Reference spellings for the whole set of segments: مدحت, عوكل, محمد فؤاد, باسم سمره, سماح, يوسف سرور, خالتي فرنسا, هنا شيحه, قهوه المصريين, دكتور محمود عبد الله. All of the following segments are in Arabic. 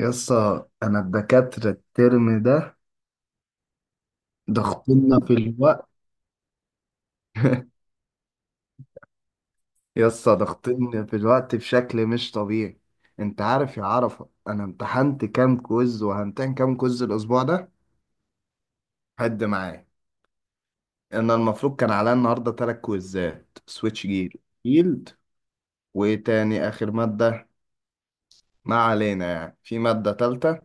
يسا انا الدكاترة الترم ده ضغطنا في الوقت. يسا ضغطنا في الوقت بشكل مش طبيعي. انت عارف يا عرفة، انا امتحنت كام كويز وهمتحن كام كويز الاسبوع ده؟ حد معايا؟ انا المفروض كان عليا النهارده 3 كويزات سويتش جير فيلد. وايه تاني اخر مادة؟ ما علينا، يعني في مادة تالتة.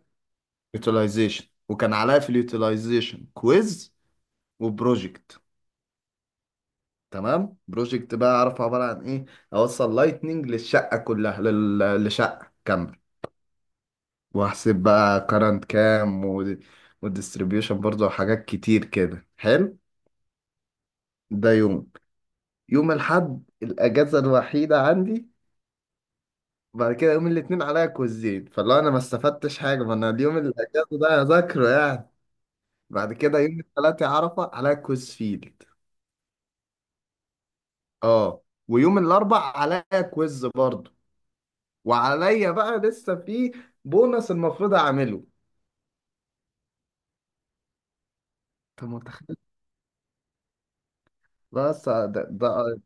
يوتيلايزيشن، وكان عليا في اليوتيلايزيشن كويز وبروجكت. تمام، بروجكت بقى اعرف عباره عن ايه. اوصل لايتنينج للشقه كلها، لشقه كامله. واحسب بقى كارنت كام والديستريبيوشن برضه وحاجات كتير كده حلو. ده يوم، يوم الحد الاجازه الوحيده عندي. بعد كده يوم الاثنين عليا كوزين، فاللي انا ما استفدتش حاجه، ما انا اليوم الاجازه ده هذاكره يعني. بعد كده يوم الثلاثة عرفه عليا كويز فيلد. اه. ويوم الاربع عليا كويز برضه. وعليا بقى لسه في بونص المفروض اعمله. انت متخيل؟ بس ده.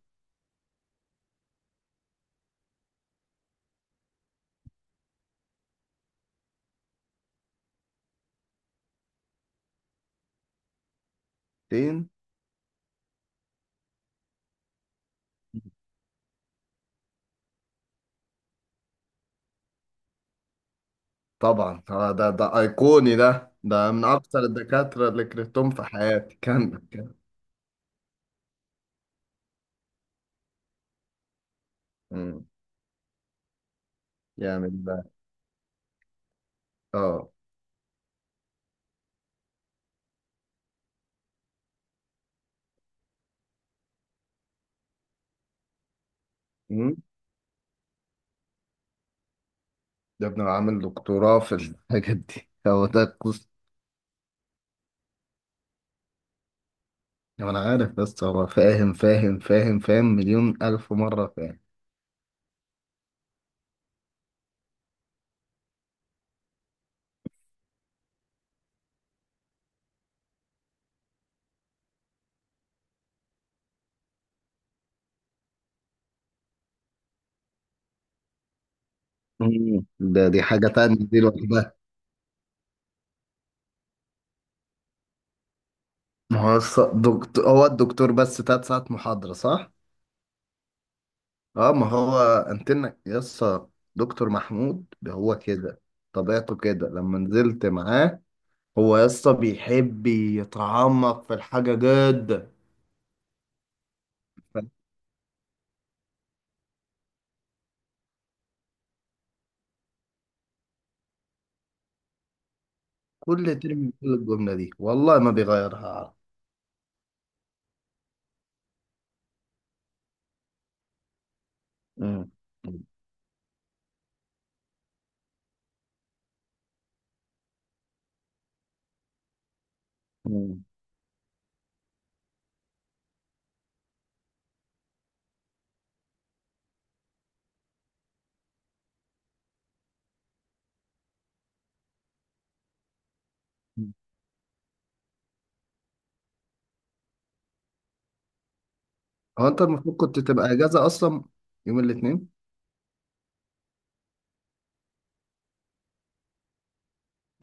ايقونتين. طبعا آه، ده ايقوني، ده من اكثر الدكاتره اللي كرهتهم في حياتي. كان. مم. يعمل ده. اه. مم. ده ابن عامل دكتوراه في الحاجات دي، هو ده القصه. انا عارف، بس هو فاهم فاهم فاهم فاهم مليون الف مره فاهم. مم. ده دي حاجه تانية، دي لوحدها. ما هو دكتور، هو الدكتور بس 3 ساعات محاضره، صح؟ اه، ما هو انتنا يسا. دكتور محمود هو كده، طبيعته كده لما نزلت معاه. هو يسا بيحب يتعمق في الحاجة جدا. كل ترم بيقول الجملة دي، والله ما بيغيرها، عارف. مم. مم. هو انت المفروض كنت تبقى اجازة اصلا يوم الاثنين.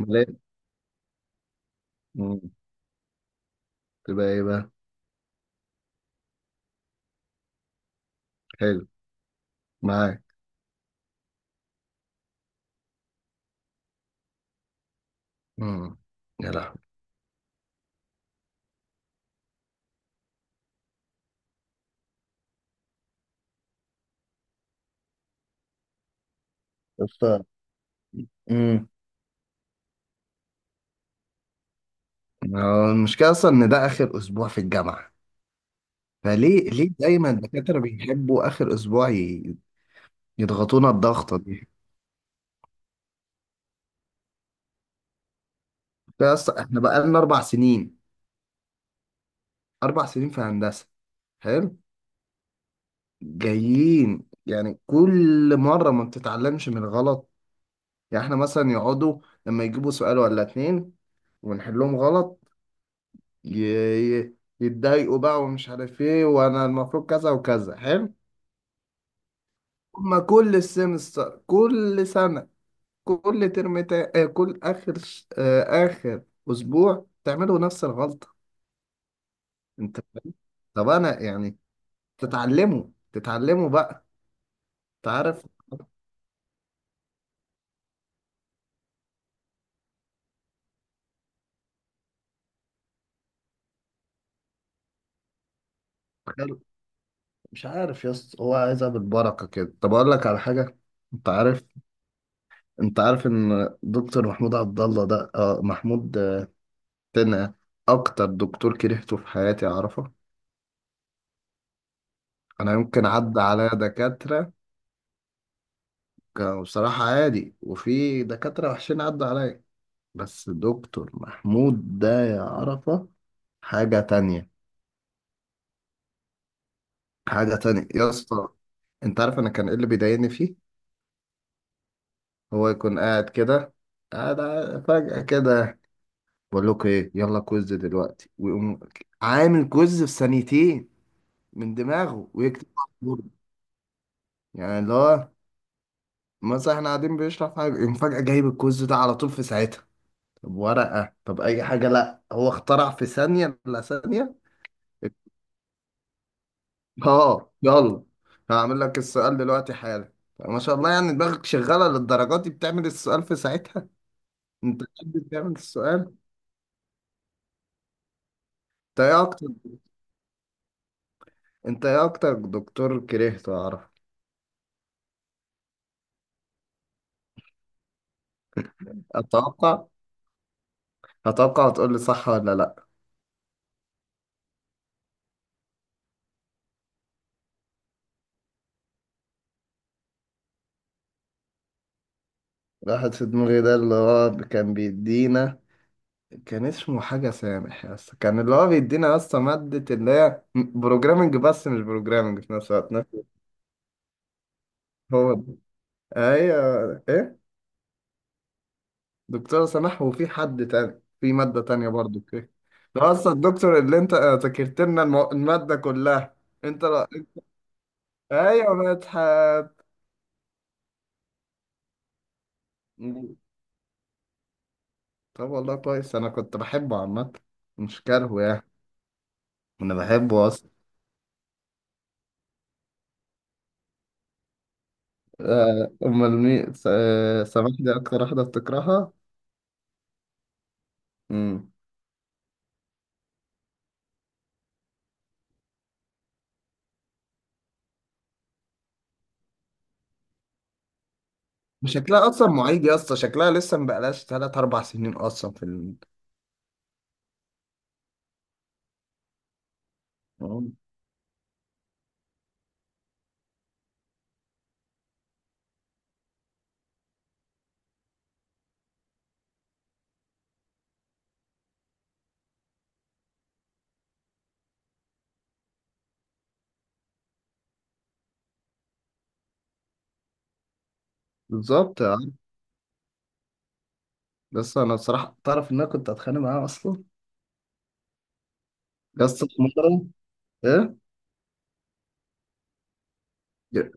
امال إيه؟ مم. تبقى ايه بقى. حلو، معاك. امم، يا لهوي. يسطا. مم. هو المشكلة اصلا ان ده اخر اسبوع في الجامعة، فليه دايما الدكاترة بيحبوا آخر أسبوع يضغطونا الضغطة دي؟ بس احنا بقالنا 4 سنين، 4 سنين في هندسة، حلو. جايين يعني كل مرة ما بتتعلمش من الغلط. يعني احنا مثلا يقعدوا لما يجيبوا سؤال ولا اتنين ونحلهم غلط، ي- ي- يتضايقوا بقى، ومش عارف ايه، وانا المفروض كذا وكذا، حلو. هما كل السمستر، كل سنة، كل ترم تا... آه، كل اخر اخر اسبوع تعملوا نفس الغلطه. انت، طب انا يعني تتعلموا، تتعلموا بقى. انت عارف. مش عارف يا اسطى، هو عايزها بالبركه كده. طب اقول لك على حاجه، انت عارف انت عارف ان دكتور محمود عبد الله ده محمود، تنقه. اكتر دكتور كرهته في حياتي، اعرفه. انا يمكن عدى عليا دكاتره كانوا بصراحه عادي، وفي دكاتره وحشين عدى عليا، بس دكتور محمود ده يا عرفة حاجة تانية، حاجة تانية يا اسطى. انت عارف انا كان ايه اللي بيضايقني فيه؟ هو يكون قاعد كده، قاعد فجأة كده بقول لكم ايه، يلا كويز دلوقتي، ويقوم عامل كويز في 2 ثانية من دماغه ويكتب على البورد. يعني اللي هو مثلا احنا قاعدين بيشرح حاجة، يقوم فجأة جايب الكويز ده على طول في ساعتها. طب ورقة، طب أي حاجة، لأ هو اخترع في ثانية إلا ثانية. اه يلا، هعمل لك السؤال دلوقتي حالا. ما شاء الله، يعني دماغك شغالة للدرجات دي، بتعمل السؤال في ساعتها. انت بتحب بتعمل السؤال. انت ايه اكتر انت ايه اكتر دكتور كرهته اعرف. اتوقع، اتوقع هتقول لي صح ولا لا. واحد في دماغي، ده اللي هو كان بيدينا، كان اسمه حاجة سامح يا اسطى، كان اللي هو بيدينا يا اسطى مادة اللي هي بروجرامنج، بس مش بروجرامنج في نفس الوقت، هو ده، ايوه ايه. دكتورة سماح، وفي حد تاني في مادة تانية برضو كده. ده أصلا الدكتور اللي أنت ذاكرت لنا المادة كلها. أنت، لا، أيوة مدحت. طب والله كويس، أنا كنت بحبه عامة، مش كارهه يعني. أنا بحبه أصلا. أمال مين سماح دي أكتر واحدة بتكرهها. مم. شكلها أصلا معيد يا اسطى، شكلها لسه مبقالهاش تلات أربع سنين أصلا بالظبط يعني. بس أنا بصراحة تعرف إن أنا كنت أتخانق معاها أصلا. يا اسطى في مرة، إيه؟ يا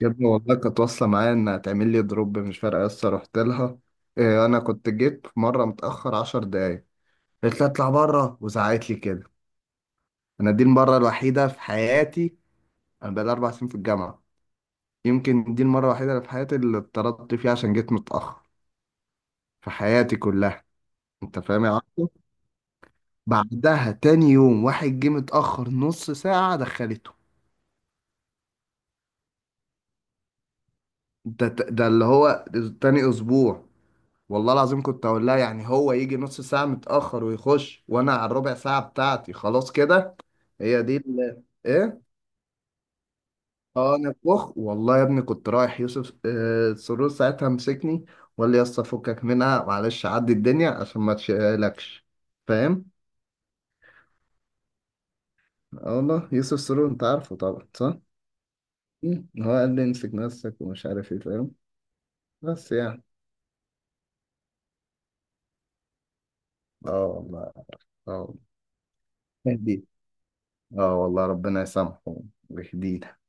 يا ابني والله كانت واصلة معايا إنها تعمل لي دروب مش فارقة، لسه رحت لها. إيه، أنا كنت جيت في مرة متأخر 10 دقايق، قالت لي أطلع بره وزعقت لي كده. أنا دي المرة الوحيدة في حياتي، أنا بقالي 4 سنين في الجامعة، يمكن دي المرة الوحيدة اللي في حياتي اللي اتطردت فيها عشان جيت متأخر في حياتي كلها. أنت فاهم يا عبده؟ بعدها تاني يوم واحد جه متأخر نص ساعة دخلته. ده اللي هو تاني أسبوع. والله العظيم كنت اقول لها، يعني هو يجي نص ساعة متأخر ويخش، وانا على الربع ساعة بتاعتي خلاص كده. هي دي ايه. اه انا فخ، والله يا ابني كنت رايح يوسف سرور، ساعتها مسكني وقال لي يا اسطى فكك منها، معلش عدي الدنيا عشان ما تشيلكش، فاهم. اه والله، يوسف سرور انت عارفه طبعا صح. مم. هو قال لي امسك نفسك ومش عارف ايه، فاهم، بس يعني. اه والله. اه والله. يهديه. اه والله، ربنا يسامحه ويهديه.